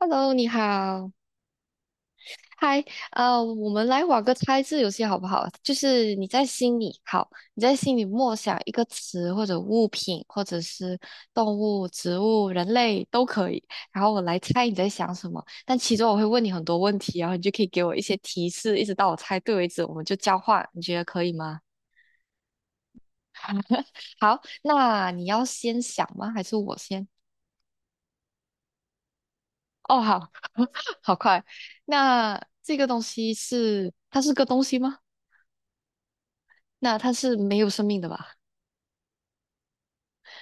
Hello，你好，嗨，我们来玩个猜字游戏好不好？就是你在心里，好，你在心里默想一个词或者物品，或者是动物、植物、人类都可以，然后我来猜你在想什么。但其中我会问你很多问题，然后你就可以给我一些提示，一直到我猜对为止，我们就交换，你觉得可以吗？好，那你要先想吗？还是我先？哦，好，好快。那这个东西是，它是个东西吗？那它是没有生命的吧？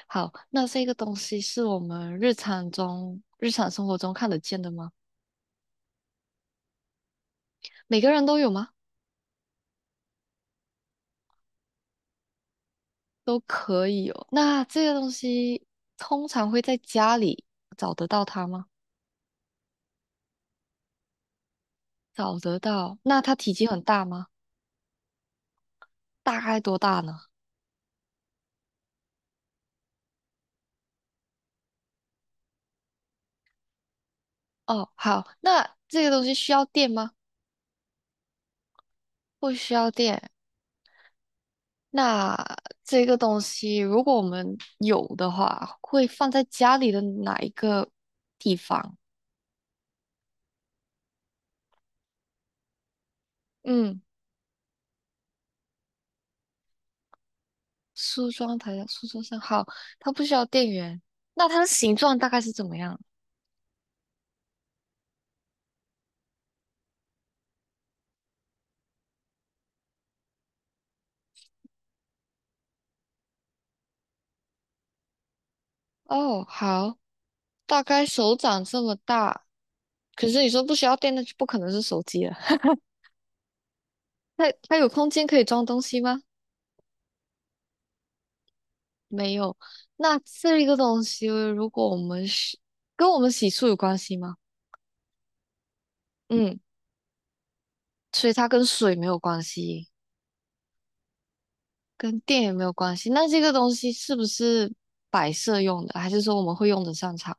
好，那这个东西是我们日常中、日常生活中看得见的吗？每个人都有吗？都可以有。那这个东西通常会在家里找得到它吗？找得到。那它体积很大吗？大概多大呢？哦，好，那这个东西需要电吗？不需要电。那这个东西如果我们有的话，会放在家里的哪一个地方？嗯。梳妆台的书桌上，好，它不需要电源。那它的形状大概是怎么样？哦，好，大概手掌这么大。可是你说不需要电，那就不可能是手机了。那它有空间可以装东西吗？没有。那这个东西，如果我们是跟我们洗漱有关系吗？嗯，所以它跟水没有关系，跟电也没有关系。那这个东西是不是摆设用的，还是说我们会用得上它？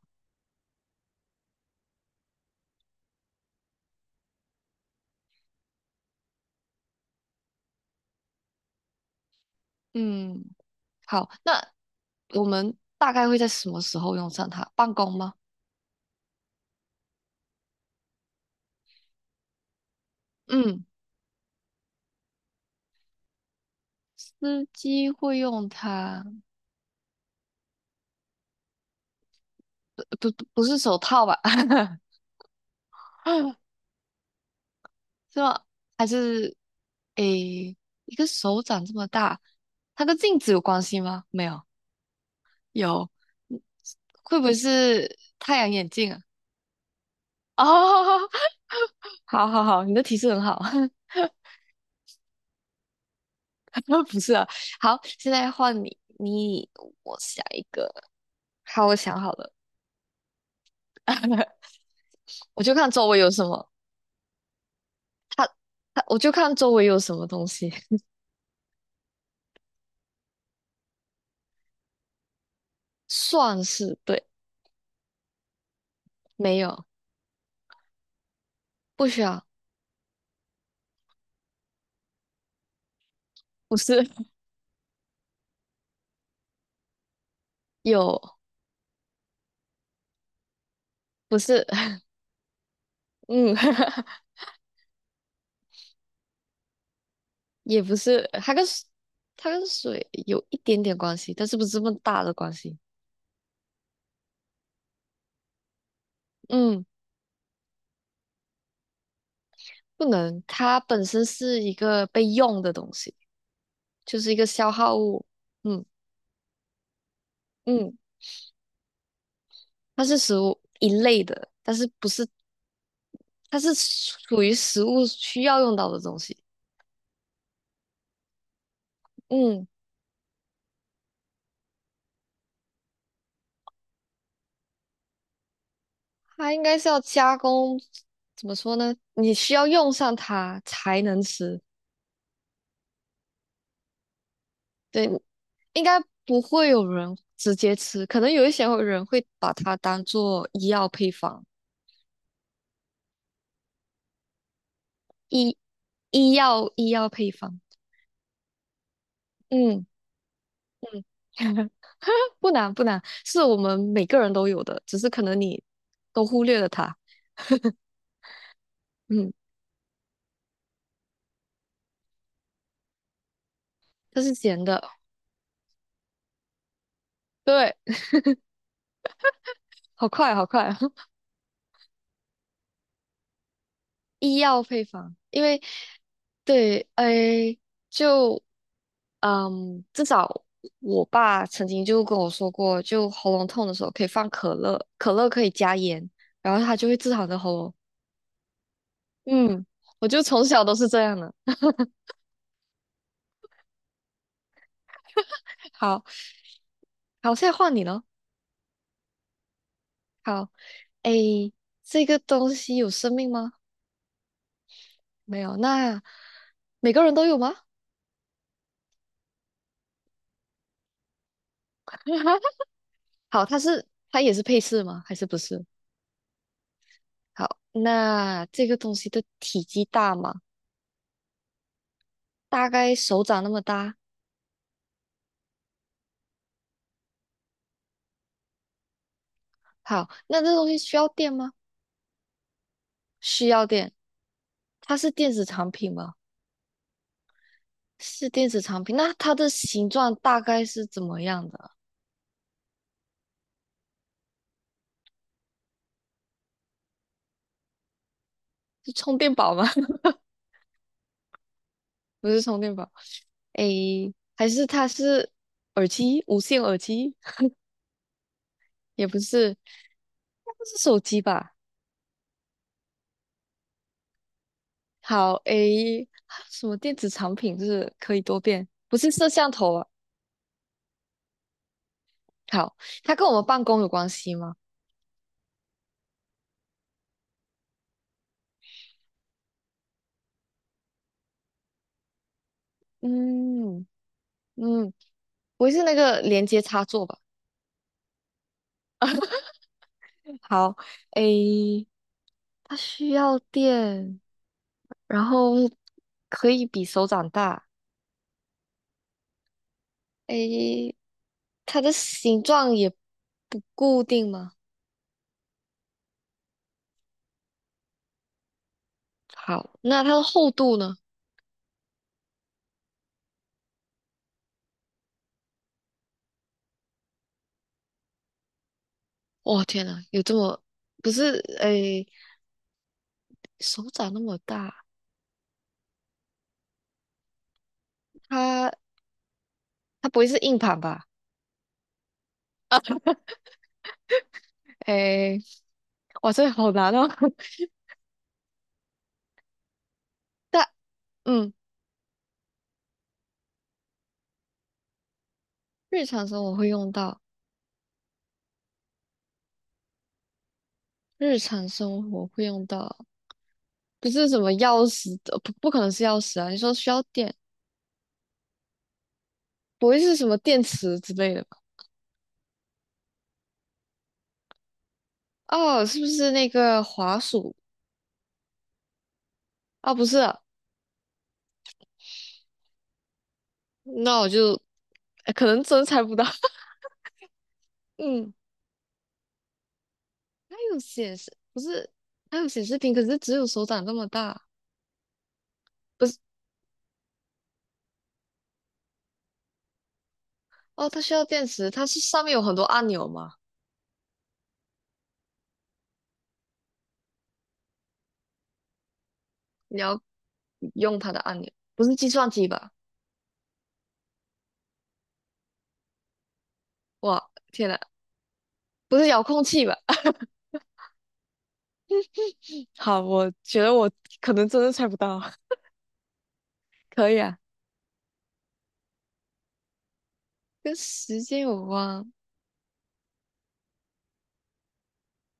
嗯，好，那我们大概会在什么时候用上它？办公吗？嗯，司机会用它，不不是手套吧？是吗？还是诶，一个手掌这么大，它跟镜子有关系吗？没有，有，嗯会不会是太阳眼镜啊？哦，好好好，你的提示很好，不是啊。好，现在换你，你我想一个，好，我想好了。我就看周围有什么，它它我就看周围有什么东西，算是对，没有，不需要，不是有，不是，嗯，也不是，它跟水有一点点关系，但是不是这么大的关系，嗯，不能，它本身是一个被用的东西，就是一个消耗物，嗯嗯，它是食物一类的，但是不是，它是属于食物需要用到的东西，嗯。它应该是要加工，怎么说呢？你需要用上它才能吃。对，应该不会有人直接吃，可能有一些人会把它当做医药配方，医医药配方。嗯嗯，不难不难，是我们每个人都有的，只是可能你都忽略了它。嗯，它是咸的，对，好快好快，医药配方，因为对，哎，就。嗯，至少我爸曾经就跟我说过，就喉咙痛的时候可以放可乐，可乐可以加盐，然后他就会治好你的喉咙。嗯，我就从小都是这样的。好，好，现在换你了。好，诶，这个东西有生命吗？没有，那每个人都有吗？好，它是它也是配饰吗？还是不是？好，那这个东西的体积大吗？大概手掌那么大。好，那这东西需要电吗？需要店，它是电子产品吗？是电子产品，那它的形状大概是怎么样的啊？是充电宝吗？不是充电宝，诶，还是它是耳机，无线耳机？也不是，那不是手机吧？好，诶，什么电子产品就是可以多变？不是摄像头啊？好，它跟我们办公有关系吗？嗯嗯，不会是那个连接插座吧？好，诶，它需要电。然后可以比手掌大。诶，它的形状也不固定吗？好，那它的厚度呢？哇，天呐，有这么，不是，诶，手掌那么大，它它不会是硬盘吧？诶，哇，这个好难哦。但嗯，日常生活会用到，日常生活会用到，不是什么钥匙的，不可能是钥匙啊。你说需要电，不会是什么电池之类的吧？哦，是不是那个滑鼠？啊，不是啊那我就哎可能真猜不到。嗯，它有显示，不是，它有显示屏，可是只有手掌这么大。不是，哦，它需要电池，它是上面有很多按钮吗？你要用它的按钮，不是计算机吧？哇，天呐，不是遥控器吧？好，我觉得我可能真的猜不到。可以啊，跟时间有关，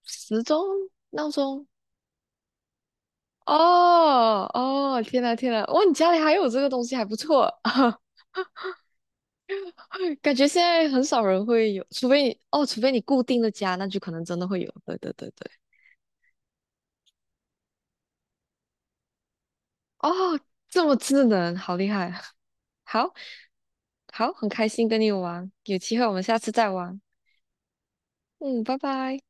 时钟、闹钟。哦哦，天呐天呐，哇，你家里还有这个东西，还不错。感觉现在很少人会有，除非你哦，除非你固定的家，那就可能真的会有。对对对对，哦，这么智能，好厉害！好，好，很开心跟你玩，有机会我们下次再玩。嗯，拜拜。